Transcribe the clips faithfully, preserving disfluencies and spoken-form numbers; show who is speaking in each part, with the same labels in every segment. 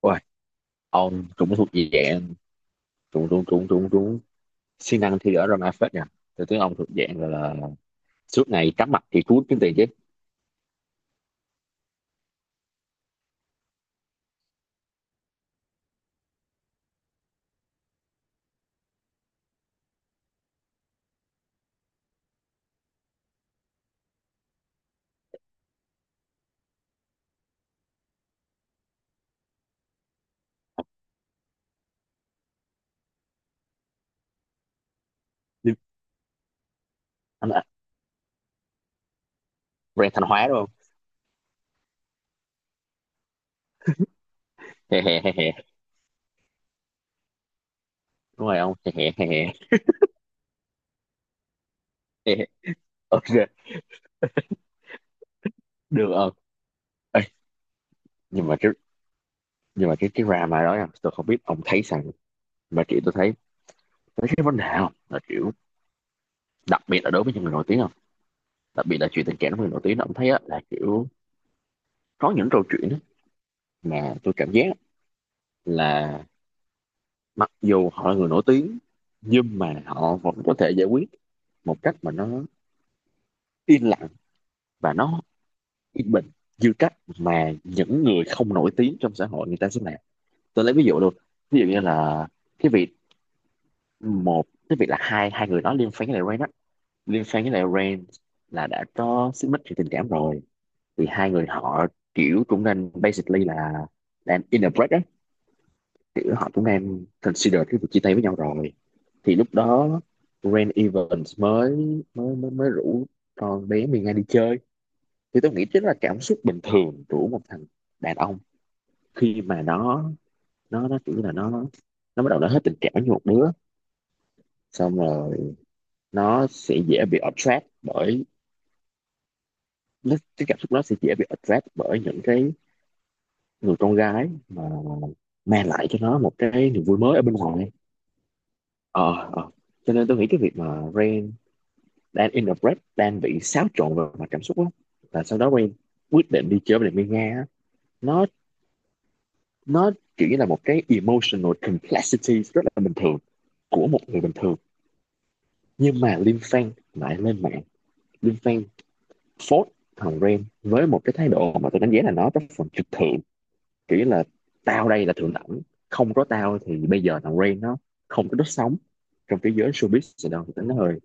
Speaker 1: Ôi, ông cũng thuộc gì dạng trúng trúng trúng trúng trúng siêng năng thi ở drama phết nha. Tôi thấy ông thuộc dạng là, là suốt ngày cắm mặt thì cuốn kiếm tiền chứ. Nhưng anh là brand Thanh Hóa đúng không? Hè hè hè hè. Đúng rồi ông, hè hè hè hè. Hè, hè. OK, được ông. Ê, nhưng mà cái nhưng mà cái cái drama đó nha, tôi không biết ông thấy rằng, mà kiểu tôi thấy, tôi thấy cái vấn đề không là kiểu, đặc biệt là đối với những người nổi tiếng không, đặc biệt là chuyện tình cảm của người nổi tiếng ông thấy á, là kiểu có những câu chuyện á mà tôi cảm giác là mặc dù họ là người nổi tiếng nhưng mà họ vẫn có thể giải quyết một cách mà nó yên lặng và nó yên bình như cách mà những người không nổi tiếng trong xã hội người ta sẽ làm. Tôi lấy ví dụ luôn, ví dụ như là cái việc, một cái việc là hai hai người đó liên fan với lại Rain á, liên fan với lại Rain là đã có xích mích về tình cảm rồi, thì hai người họ kiểu cũng nên, basically là đang in a break á, kiểu họ cũng đang consider cái việc chia tay với nhau rồi. Thì lúc đó Rain Evans mới mới mới mới rủ con bé Miên Nga đi chơi. Thì tôi nghĩ chính là cảm xúc bình thường của một thằng đàn ông, khi mà nó, nó nó kiểu như là nó nó bắt đầu nó hết tình cảm với một đứa, xong rồi nó sẽ dễ bị attract bởi nó, cái cảm xúc nó sẽ dễ bị attract bởi những cái người con gái mà mang lại cho nó một cái niềm vui mới ở bên ngoài. ờ ờ. Cho nên tôi nghĩ cái việc mà Rain đang in đang bị xáo trộn về mặt cảm xúc lắm, và sau đó Rain quyết định đi chơi với lại Mia Nga á. nó nó kiểu như là một cái emotional complexity rất là bình thường của một người bình thường. Nhưng mà Lim Fan lại lên mạng, Lim Fan phốt thằng Rain với một cái thái độ mà tôi đánh giá là nó rất phần trực thượng, kiểu là tao đây là thượng đẳng, không có tao thì bây giờ thằng Rain nó không có đất sống trong cái giới showbiz Sài Gòn thì nó hơi...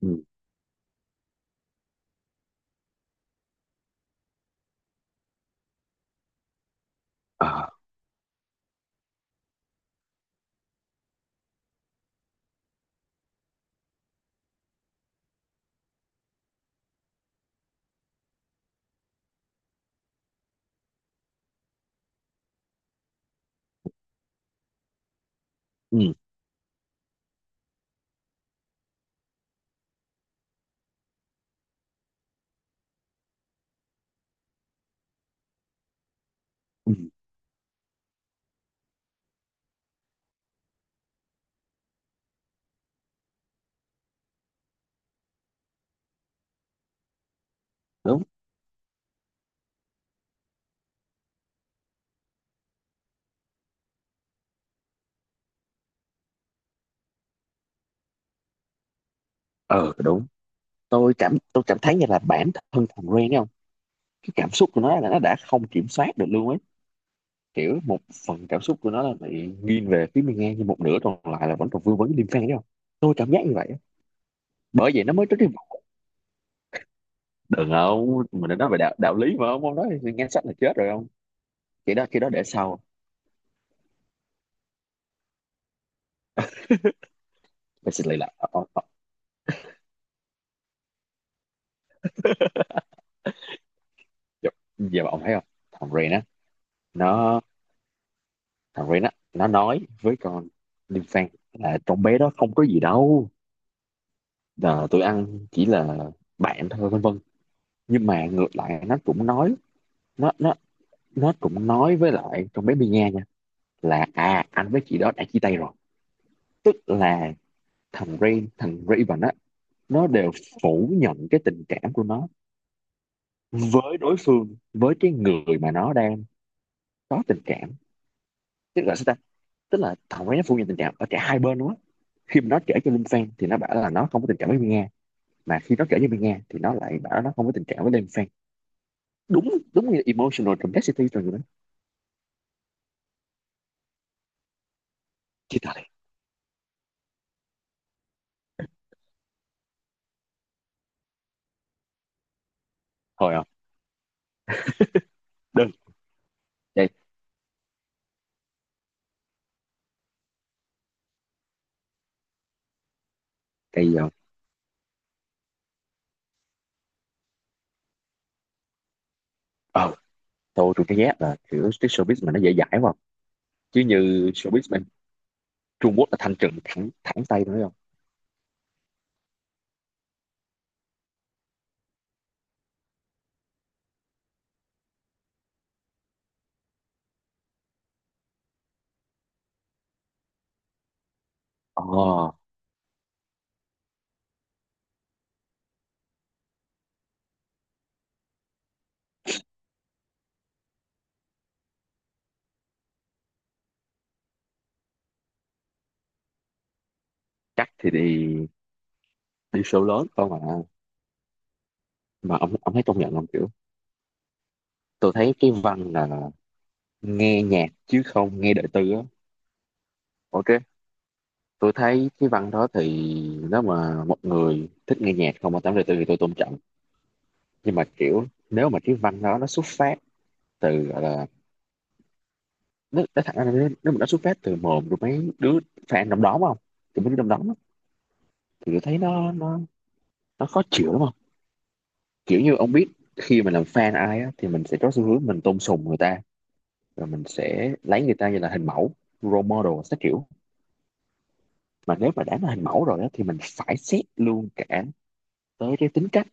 Speaker 1: ừ, ờ, ừ, ừ, đúng ờ Đúng. Tôi cảm, tôi cảm thấy như là bản thân thằng Ren ấy không, cái cảm xúc của nó là nó đã không kiểm soát được luôn ấy. Kiểu một phần cảm xúc của nó là bị nghiêng về phía mình ngang, nhưng một nửa còn lại là vẫn còn vương vấn liêm phen đấy không. Tôi cảm giác như vậy á. Bởi vậy nó mới tới cái vòng. Đừng không, mình đã nói về đạo đạo lý mà ông ông nói thì nghe sách là chết rồi không. Cái đó, cái đó để sau. Mình xin lại là ông, ông, giờ, giờ mà ông thấy không, thằng Ren á nó, thằng Ren á nó nói với con liêm phen là con bé đó không có gì đâu, là tụi ăn chỉ là bạn thôi vân vân. Nhưng mà ngược lại nó cũng nói, nó nó nó cũng nói với lại con bé Mia nha là à, anh với chị đó đã chia tay rồi. Tức là thằng Rain, thằng Raven á, nó đều phủ nhận cái tình cảm của nó với đối phương, với cái người mà nó đang có tình cảm. Tức là sao ta, tức là thằng Rain nó phủ nhận tình cảm ở cả hai bên luôn á. Khi mà nó kể cho Linh Fan thì nó bảo là nó không có tình cảm với Mia, mà khi nó kể cho Mia thì nó lại bảo nó không có tình cảm với Linh Fan. Đúng đúng như emotional complexity rồi người đó. Chia tay thôi à. đơn Đây. Bây giờ... ờ, tôi tôi thấy ghét là kiểu cái showbiz mà nó dễ dãi quá, chứ như showbiz bên Trung Quốc là thanh trừng thẳng, thẳng tay tôi không. ờ Chắc thì đi, đi show lớn không. Mà mà ông ông thấy công nhận không, kiểu tôi thấy cái văn là nghe nhạc chứ không nghe đời tư á. OK, tôi thấy cái văn đó thì nếu mà một người thích nghe nhạc không mà tám đời tư thì tôi tôn trọng. Nhưng mà kiểu nếu mà cái văn đó nó xuất phát từ gọi là, nó, nó thẳng ra là nếu nếu mà nó xuất phát từ mồm của mấy đứa fan trong đó không, thì mấy đứa trong đó, thì tôi thấy nó nó nó khó chịu lắm không. Kiểu như ông biết, khi mà làm fan ai á, thì mình sẽ có xu hướng mình tôn sùng người ta, rồi mình sẽ lấy người ta như là hình mẫu, role model các kiểu. Mà nếu mà đã là hình mẫu rồi á, thì mình phải xét luôn cả tới cái tính cách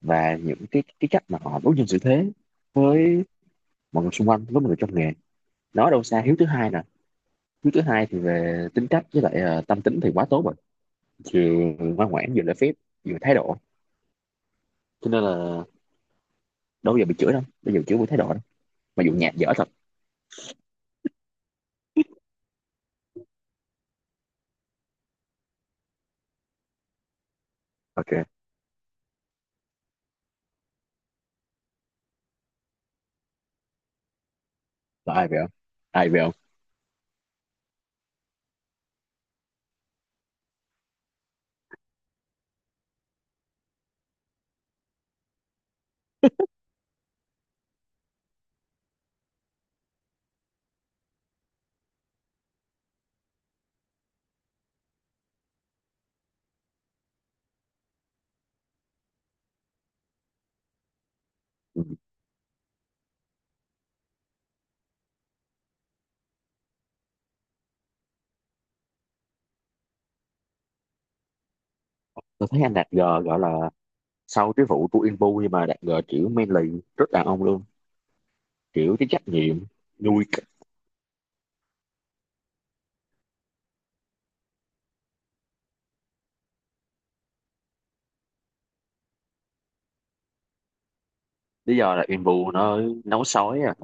Speaker 1: và những cái cái cách mà họ đối nhân xử thế với mọi người xung quanh, với mọi người trong nghề. Nói đâu xa, Hiếu thứ hai nè, Hiếu thứ hai thì về tính cách với lại ờ, tâm tính thì quá tốt rồi, vừa ngoan ngoãn vừa lễ phép vừa thái độ, cho nên là đâu bao giờ bị chửi đâu, bây giờ chửi với thái độ đâu, mà dù nhạc dở thật. OK, là ai vậy không? Ai vậy không? Ừ. Tôi thấy anh Đạt G gọi là sau cái vụ của Inbu nhưng mà Đạt G kiểu manly, rất đàn ông luôn. Kiểu cái trách nhiệm nuôi c-. Lý do là Inbu nó nấu sói à,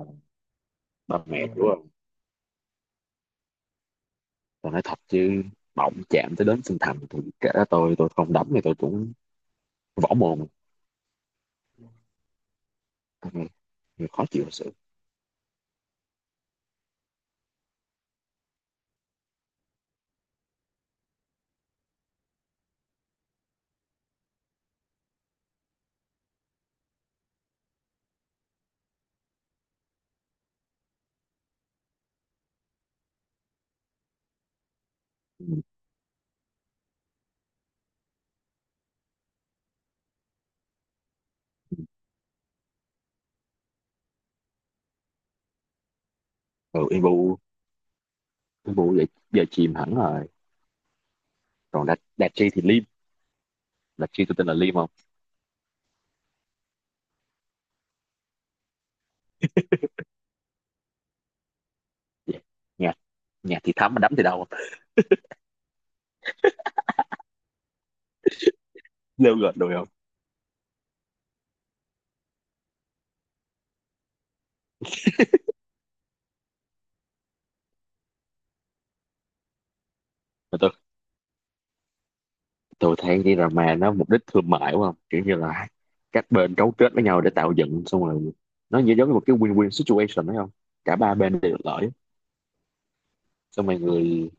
Speaker 1: ba mẹ đúng không. Tôi nói thật chứ, bỏng chạm tới đến sinh thành thì kể cả tôi tôi không đấm thì tôi cũng võ mồm. Ừ, khó chịu thật sự. Ừ, Inbu, Inbu vậy giờ chìm hẳn rồi. Còn Đạt Đạt Chi thì Lim, Đạt Chi tôi tên là Lim không. Dạ. nhà Nhà thì thắm mà đấm thì đâu, lêu gợn đùi không. Mà tôi tôi thấy đi là mà nó mục đích thương mại đúng không, kiểu như là các bên cấu kết với nhau để tạo dựng, xong rồi nó như giống như một cái win-win situation đấy không, cả ba bên đều được lợi. Xong rồi người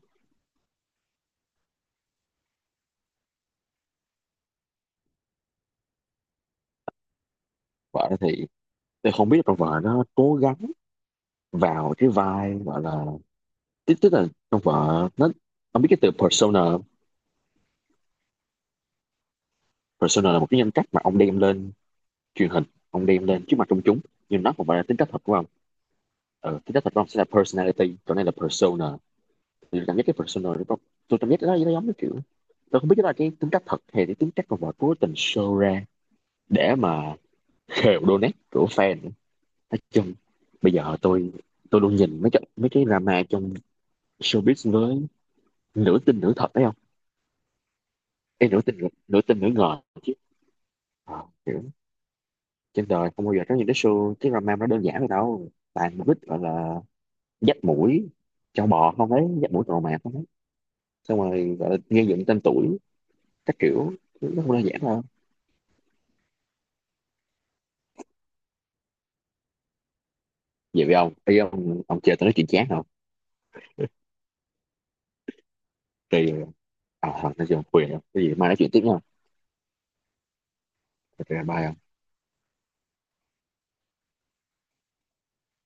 Speaker 1: vợ thì tôi không biết là con vợ nó cố gắng vào cái vai gọi là, tức tức là con vợ nó, ông biết cái từ persona không? Persona là một cái nhân cách mà ông đem lên truyền hình, ông đem lên trước mặt công chúng, nhưng nó không phải là tính cách thật của ông. Ừ, tính cách thật của ông sẽ là personality, còn đây là persona. Thì cảm giác cái persona nó có, tôi cảm giác nó nó giống như kiểu, tôi không biết đó là cái tính cách thật hay cái tính cách mà họ cố tình show ra để mà khều donate của fan. Nói chung bây giờ tôi tôi luôn nhìn mấy cái mấy cái drama trong showbiz với nửa tin nửa thật phải không. Em nửa tin, nửa tin nửa ngờ chứ. Ờ, kiểu trên đời không bao giờ có những cái show, cái drama nó đơn giản vậy đâu, toàn mục đích gọi là dắt mũi cho bò không ấy, dắt mũi trò mạc không ấy, xong rồi gọi là gây dựng tên tuổi các kiểu. Nó không đơn giản đâu. Vậy với ông ý, ông ông chơi tôi nói chuyện chán không. Thì à, Hoàng sẽ dùng quyền á. Cái gì mai nói chuyện tiếp nha. Thật ra bye ạ.